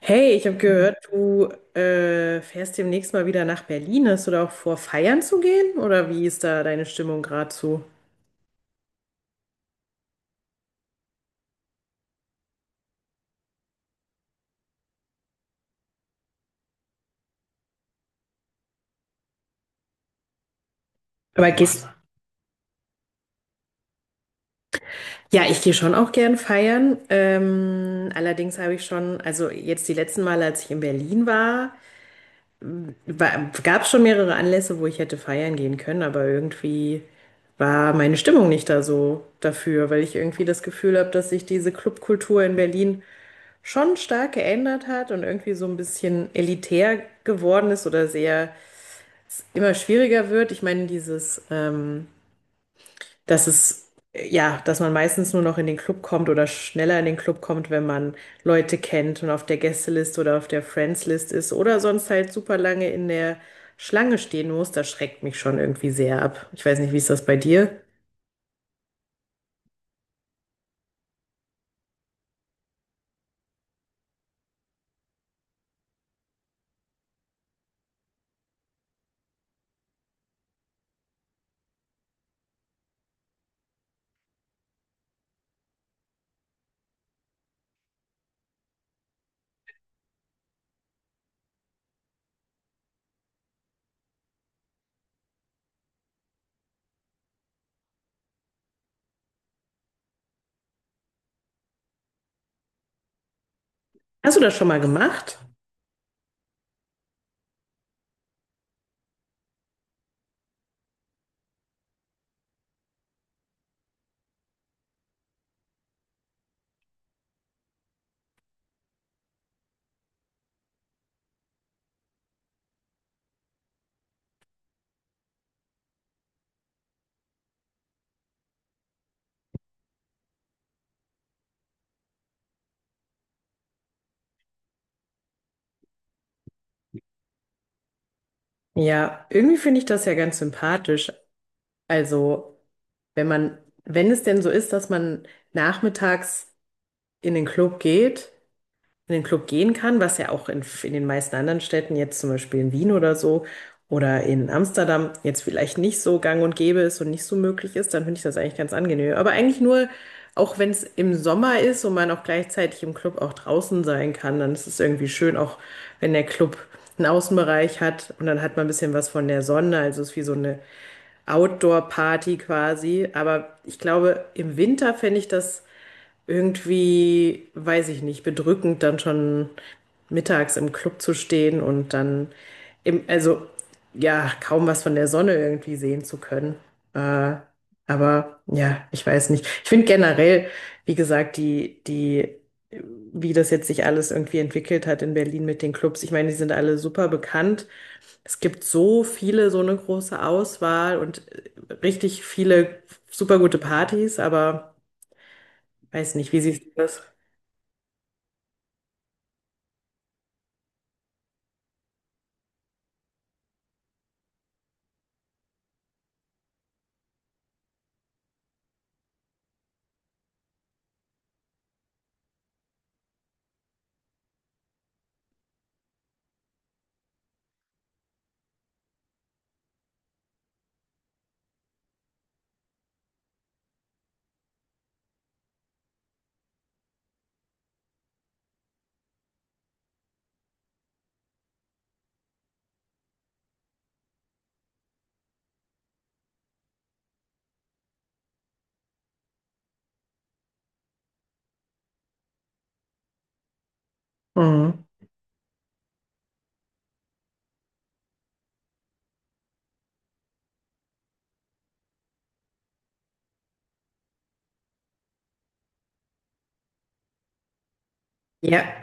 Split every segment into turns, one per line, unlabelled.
Hey, ich habe gehört, du fährst demnächst mal wieder nach Berlin. Hast du da auch vor, feiern zu gehen? Oder wie ist da deine Stimmung gerade zu? Aber gehst. Ja, ich gehe schon auch gern feiern. Allerdings habe ich schon, also jetzt die letzten Male, als ich in Berlin war, gab es schon mehrere Anlässe, wo ich hätte feiern gehen können, aber irgendwie war meine Stimmung nicht da so dafür, weil ich irgendwie das Gefühl habe, dass sich diese Clubkultur in Berlin schon stark geändert hat und irgendwie so ein bisschen elitär geworden ist oder sehr immer schwieriger wird. Ich meine, dieses, dass es, ja, dass man meistens nur noch in den Club kommt oder schneller in den Club kommt, wenn man Leute kennt und auf der Gästeliste oder auf der Friends-List ist oder sonst halt super lange in der Schlange stehen muss, das schreckt mich schon irgendwie sehr ab. Ich weiß nicht, wie ist das bei dir? Hast du das schon mal gemacht? Ja, irgendwie finde ich das ja ganz sympathisch. Also, wenn man, wenn es denn so ist, dass man nachmittags in den Club geht, in den Club gehen kann, was ja auch in den meisten anderen Städten, jetzt zum Beispiel in Wien oder so oder in Amsterdam, jetzt vielleicht nicht so gang und gäbe ist und nicht so möglich ist, dann finde ich das eigentlich ganz angenehm. Aber eigentlich nur, auch wenn es im Sommer ist und man auch gleichzeitig im Club auch draußen sein kann, dann ist es irgendwie schön, auch wenn der Club einen Außenbereich hat und dann hat man ein bisschen was von der Sonne, also es ist wie so eine Outdoor-Party quasi. Aber ich glaube, im Winter fände ich das irgendwie, weiß ich nicht, bedrückend, dann schon mittags im Club zu stehen und dann im, also ja, kaum was von der Sonne irgendwie sehen zu können. Äh, aber ja, ich weiß nicht. Ich finde generell, wie gesagt, wie das jetzt sich alles irgendwie entwickelt hat in Berlin mit den Clubs. Ich meine, die sind alle super bekannt, es gibt so viele, so eine große Auswahl und richtig viele super gute Partys, aber weiß nicht, wie siehst du das? Mhm. Ja,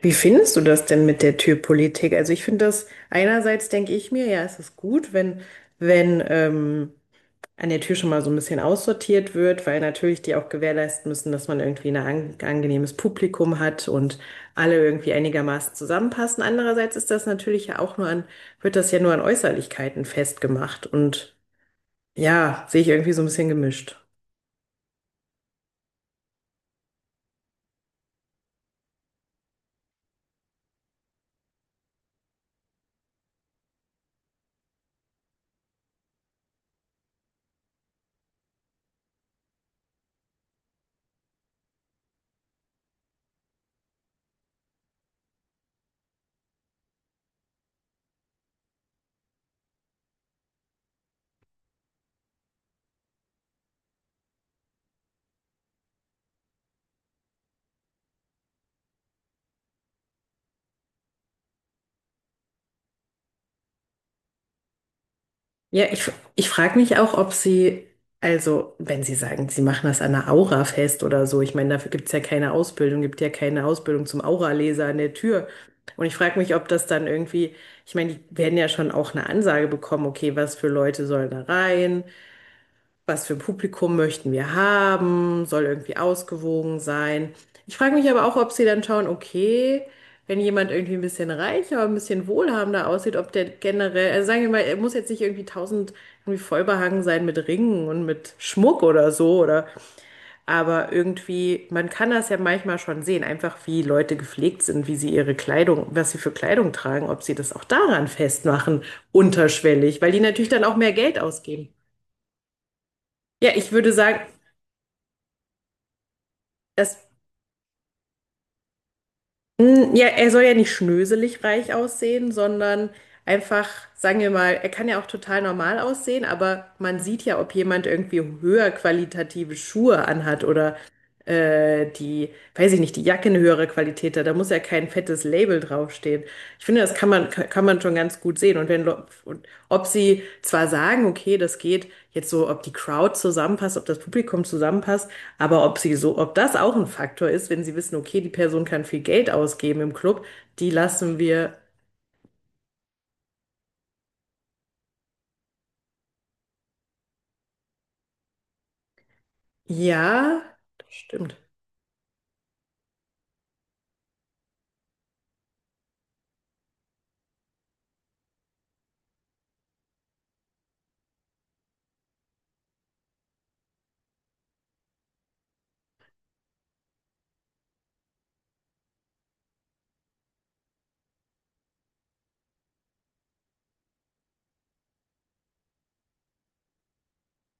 wie findest du das denn mit der Türpolitik? Also ich finde das, einerseits denke ich mir, ja, es ist gut, wenn, wenn an der Tür schon mal so ein bisschen aussortiert wird, weil natürlich die auch gewährleisten müssen, dass man irgendwie ein an angenehmes Publikum hat und alle irgendwie einigermaßen zusammenpassen. Andererseits ist das natürlich ja auch nur an, wird das ja nur an Äußerlichkeiten festgemacht und ja, sehe ich irgendwie so ein bisschen gemischt. Ja, ich, ich frage mich auch, ob sie, also wenn sie sagen, sie machen das an einer Aura fest oder so, ich meine, dafür gibt's ja keine Ausbildung, gibt ja keine Ausbildung zum Auraleser an der Tür. Und ich frage mich, ob das dann irgendwie, ich meine, die werden ja schon auch eine Ansage bekommen, okay, was für Leute sollen da rein, was für ein Publikum möchten wir haben, soll irgendwie ausgewogen sein. Ich frage mich aber auch, ob sie dann schauen, okay, wenn jemand irgendwie ein bisschen reicher, ein bisschen wohlhabender aussieht, ob der generell, also sagen wir mal, er muss jetzt nicht irgendwie tausend irgendwie vollbehangen sein mit Ringen und mit Schmuck oder so, oder, aber irgendwie, man kann das ja manchmal schon sehen, einfach wie Leute gepflegt sind, wie sie ihre Kleidung, was sie für Kleidung tragen, ob sie das auch daran festmachen, unterschwellig, weil die natürlich dann auch mehr Geld ausgeben. Ja, ich würde sagen, das Mm, ja, er soll ja nicht schnöselig reich aussehen, sondern einfach, sagen wir mal, er kann ja auch total normal aussehen, aber man sieht ja, ob jemand irgendwie höher qualitative Schuhe anhat oder äh, die, weiß ich nicht, die Jacke eine höhere Qualität hat. Da muss ja kein fettes Label draufstehen. Ich finde, das kann man, kann man schon ganz gut sehen. Und wenn, und ob sie zwar sagen, okay, das geht jetzt so, ob die Crowd zusammenpasst, ob das Publikum zusammenpasst, aber ob sie so, ob das auch ein Faktor ist, wenn sie wissen, okay, die Person kann viel Geld ausgeben im Club, die lassen wir, ja, das stimmt.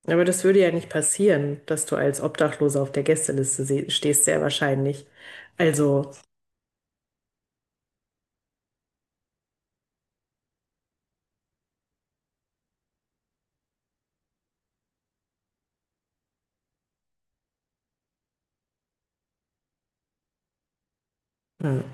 Aber das würde ja nicht passieren, dass du als Obdachloser auf der Gästeliste stehst, sehr wahrscheinlich. Also, hm.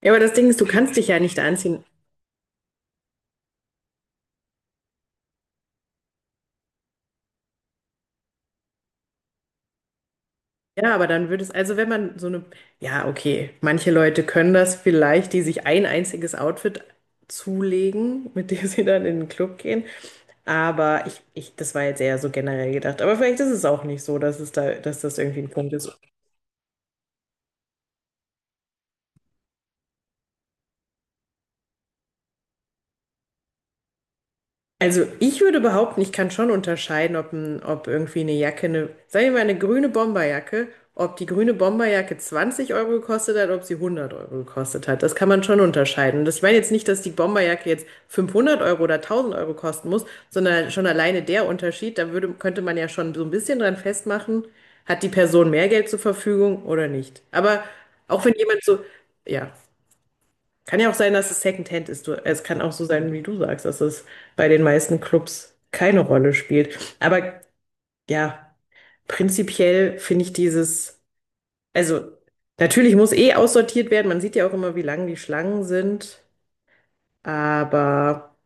Ja, aber das Ding ist, du kannst dich ja nicht anziehen. Ja, aber dann würde es, also wenn man so eine, ja, okay, manche Leute können das vielleicht, die sich ein einziges Outfit zulegen, mit dem sie dann in den Club gehen. Aber das war jetzt eher so generell gedacht. Aber vielleicht ist es auch nicht so, dass es da, dass das irgendwie ein Punkt ist. Also ich würde behaupten, ich kann schon unterscheiden, ob irgendwie eine Jacke, eine, sagen wir mal eine grüne Bomberjacke, ob die grüne Bomberjacke 20 Euro gekostet hat, ob sie 100 Euro gekostet hat. Das kann man schon unterscheiden. Und das- Ich meine jetzt nicht, dass die Bomberjacke jetzt 500 Euro oder 1000 Euro kosten muss, sondern schon alleine der Unterschied, da würde, könnte man ja schon so ein bisschen dran festmachen, hat die Person mehr Geld zur Verfügung oder nicht. Aber auch wenn jemand so, ja. Kann ja auch sein, dass es Secondhand ist. Du, es kann auch so sein, wie du sagst, dass es bei den meisten Clubs keine Rolle spielt. Aber ja, prinzipiell finde ich dieses, also natürlich muss eh aussortiert werden. Man sieht ja auch immer, wie lang die Schlangen sind. Aber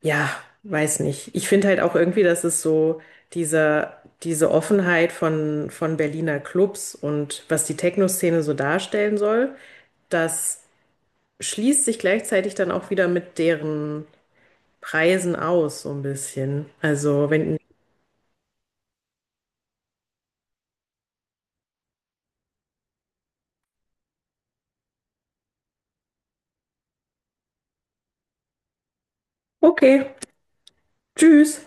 ja, weiß nicht. Ich finde halt auch irgendwie, dass es so diese, diese Offenheit von Berliner Clubs und was die Techno-Szene so darstellen soll, das schließt sich gleichzeitig dann auch wieder mit deren Preisen aus, so ein bisschen. Also, wenn, okay, tschüss.